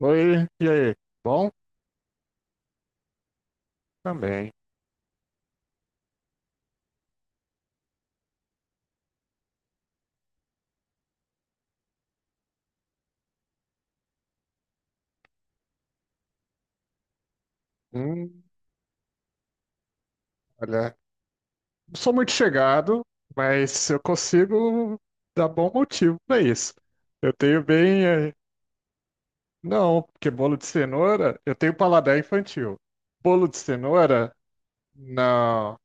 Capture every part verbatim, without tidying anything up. Oi, e aí? Bom? Também. Hum, olha, não sou muito chegado, mas eu consigo dar bom motivo para isso. Eu tenho bem. eh, Não, porque bolo de cenoura, eu tenho paladar infantil. Bolo de cenoura, não.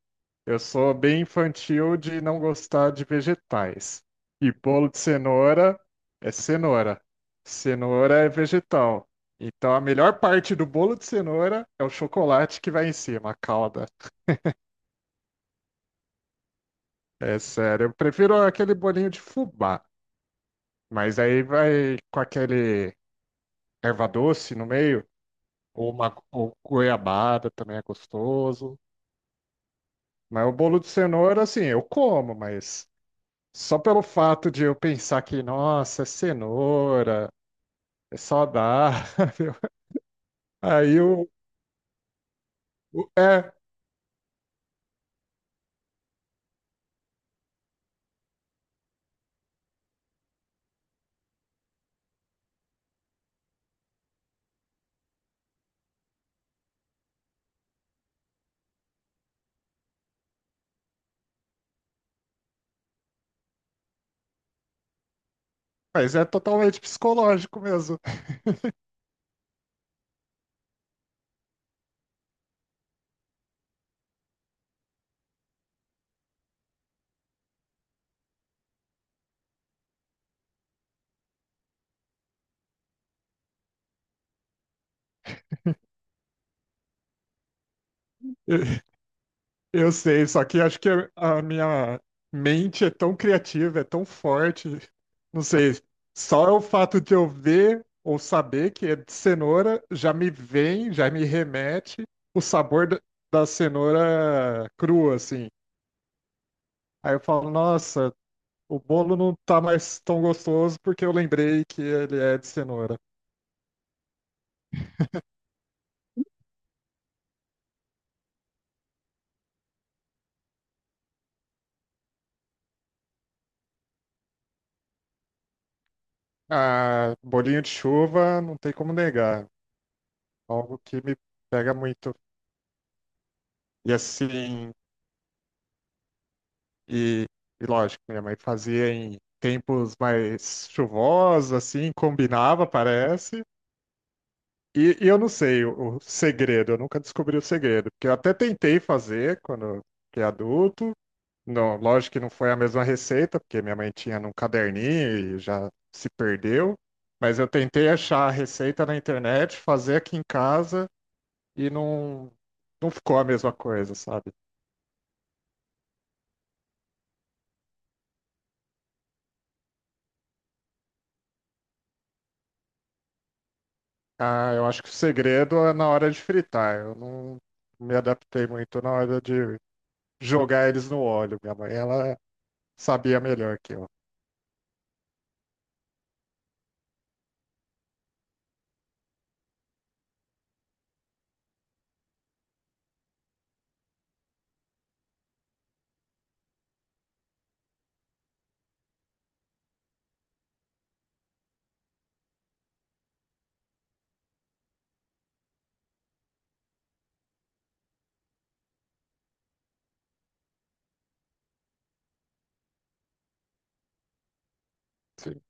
Eu sou bem infantil de não gostar de vegetais. E bolo de cenoura é cenoura. Cenoura é vegetal. Então a melhor parte do bolo de cenoura é o chocolate que vai em cima, a calda. É sério, eu prefiro aquele bolinho de fubá. Mas aí vai com aquele erva doce no meio, ou uma ou goiabada também é gostoso. Mas o bolo de cenoura, assim, eu como, mas. Só pelo fato de eu pensar que, nossa, é cenoura, é saudável. Aí o. o- É, mas é totalmente psicológico mesmo. Eu sei, só que acho que a minha mente é tão criativa, é tão forte. Não sei, só é o fato de eu ver ou saber que é de cenoura já me vem, já me remete o sabor da da cenoura crua, assim. Aí eu falo, nossa, o bolo não tá mais tão gostoso porque eu lembrei que ele é de cenoura. Ah, bolinho de chuva, não tem como negar. Algo que me pega muito. E assim, e, e lógico, minha mãe fazia em tempos mais chuvosos, assim, combinava, parece. E, e eu não sei o, o segredo, eu nunca descobri o segredo. Porque eu até tentei fazer quando fiquei adulto. Não, lógico que não foi a mesma receita, porque minha mãe tinha num caderninho e já se perdeu. Mas eu tentei achar a receita na internet, fazer aqui em casa e não, não ficou a mesma coisa, sabe? Ah, eu acho que o segredo é na hora de fritar. Eu não me adaptei muito na hora de jogar eles no óleo. Minha mãe, ela sabia melhor que eu. Sim,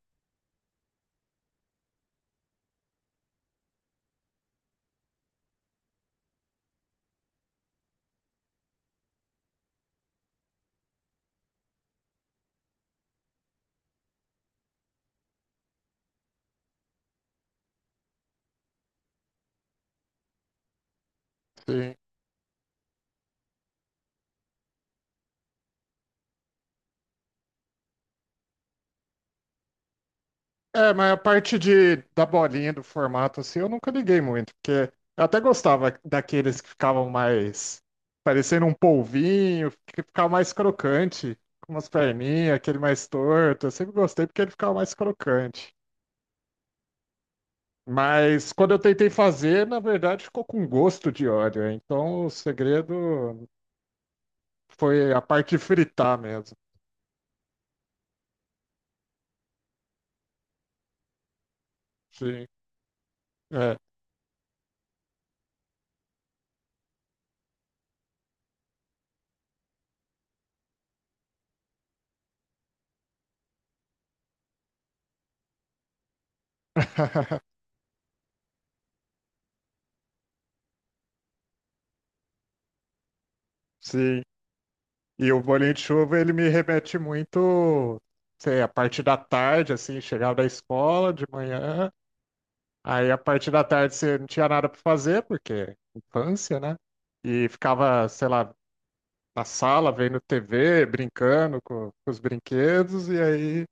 sim. É, mas a parte de, da bolinha, do formato, assim, eu nunca liguei muito, porque eu até gostava daqueles que ficavam mais parecendo um polvinho, que ficava mais crocante, com umas perninhas, aquele mais torto. Eu sempre gostei porque ele ficava mais crocante. Mas quando eu tentei fazer, na verdade ficou com gosto de óleo. Então o segredo foi a parte de fritar mesmo. Sim, é, sim. E o bolinho de chuva, ele me remete muito, sei, a parte da tarde, assim, chegava da escola de manhã, aí a parte da tarde você não tinha nada para fazer, porque infância, né? E ficava, sei lá, na sala, vendo T V, brincando com, com os brinquedos, e aí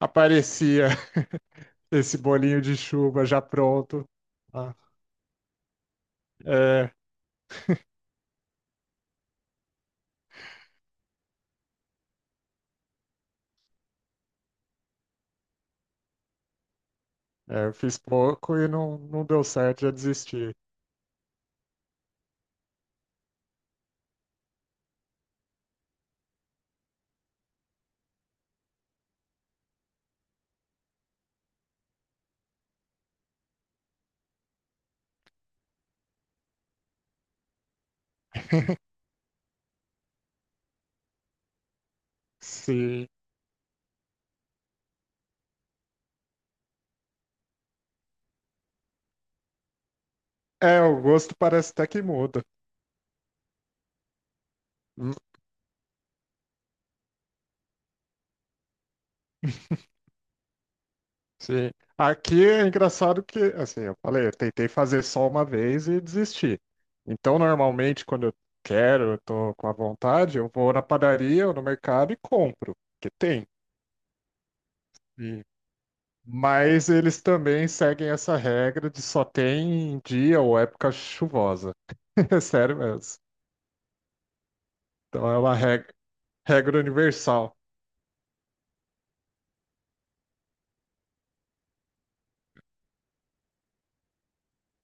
aparecia esse bolinho de chuva já pronto. Ah, é, é, eu fiz pouco e não, não deu certo, já desisti. Sim. É, o gosto parece até que muda. Sim. Aqui é engraçado que, assim, eu falei, eu tentei fazer só uma vez e desisti. Então, normalmente, quando eu quero, eu tô com a vontade, eu vou na padaria ou no mercado e compro, que tem. Hum. Mas eles também seguem essa regra de só tem em dia ou época chuvosa. É sério mesmo. Então é uma reg- regra universal.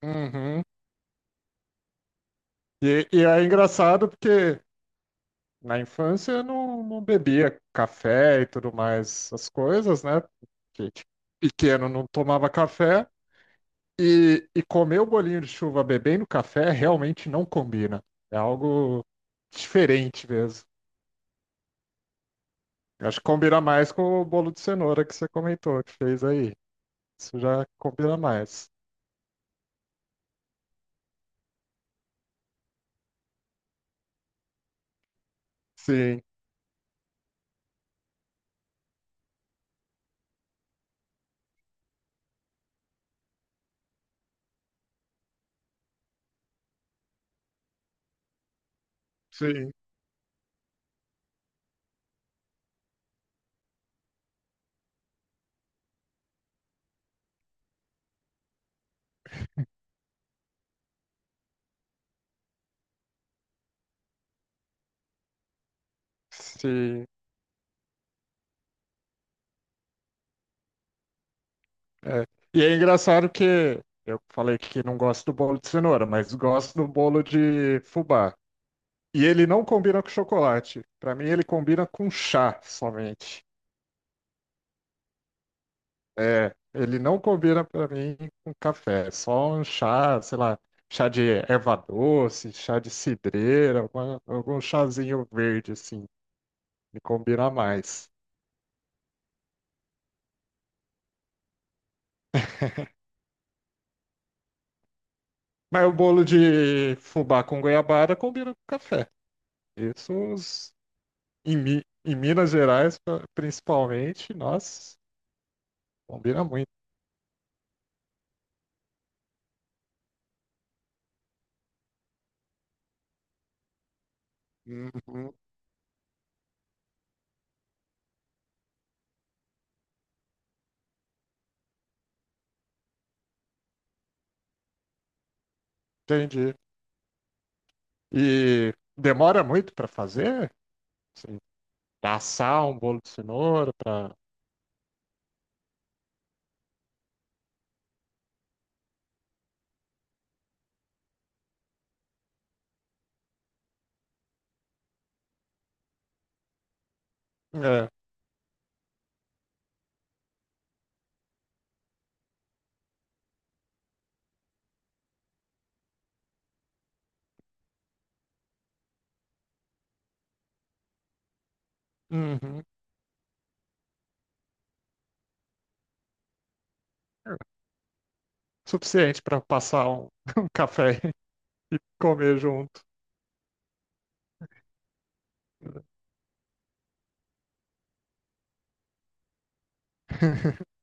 Uhum. E, e é engraçado porque na infância eu não, não bebia café e tudo mais, as coisas, né? Porque tipo, pequeno não tomava café e, e comer o bolinho de chuva bebendo café realmente não combina. É algo diferente mesmo. Eu acho que combina mais com o bolo de cenoura que você comentou, que fez aí. Isso já combina mais. Sim, sim, sim. É. E é engraçado que eu falei que não gosto do bolo de cenoura, mas gosto do bolo de fubá. E ele não combina com chocolate. Pra mim, ele combina com chá somente. É, ele não combina pra mim com café. É só um chá, sei lá, chá de erva doce, chá de cidreira, alguma- algum chazinho verde assim, me combina mais. Mas o bolo de fubá com goiabada combina com café. Isso os- em, Mi- Em Minas Gerais, pra- principalmente, nossa, combina muito. Uhum, entendi. E demora muito para fazer? Assim, assar um bolo de cenoura para. É. Uhum. Suficiente para passar um, um café e comer junto.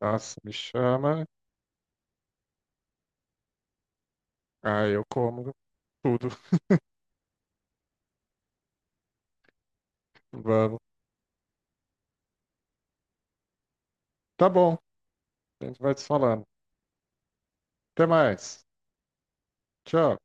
Nossa, me chama. Aí eu como tudo. Vamos. Tá bom. A gente vai se falando. Até mais. Tchau.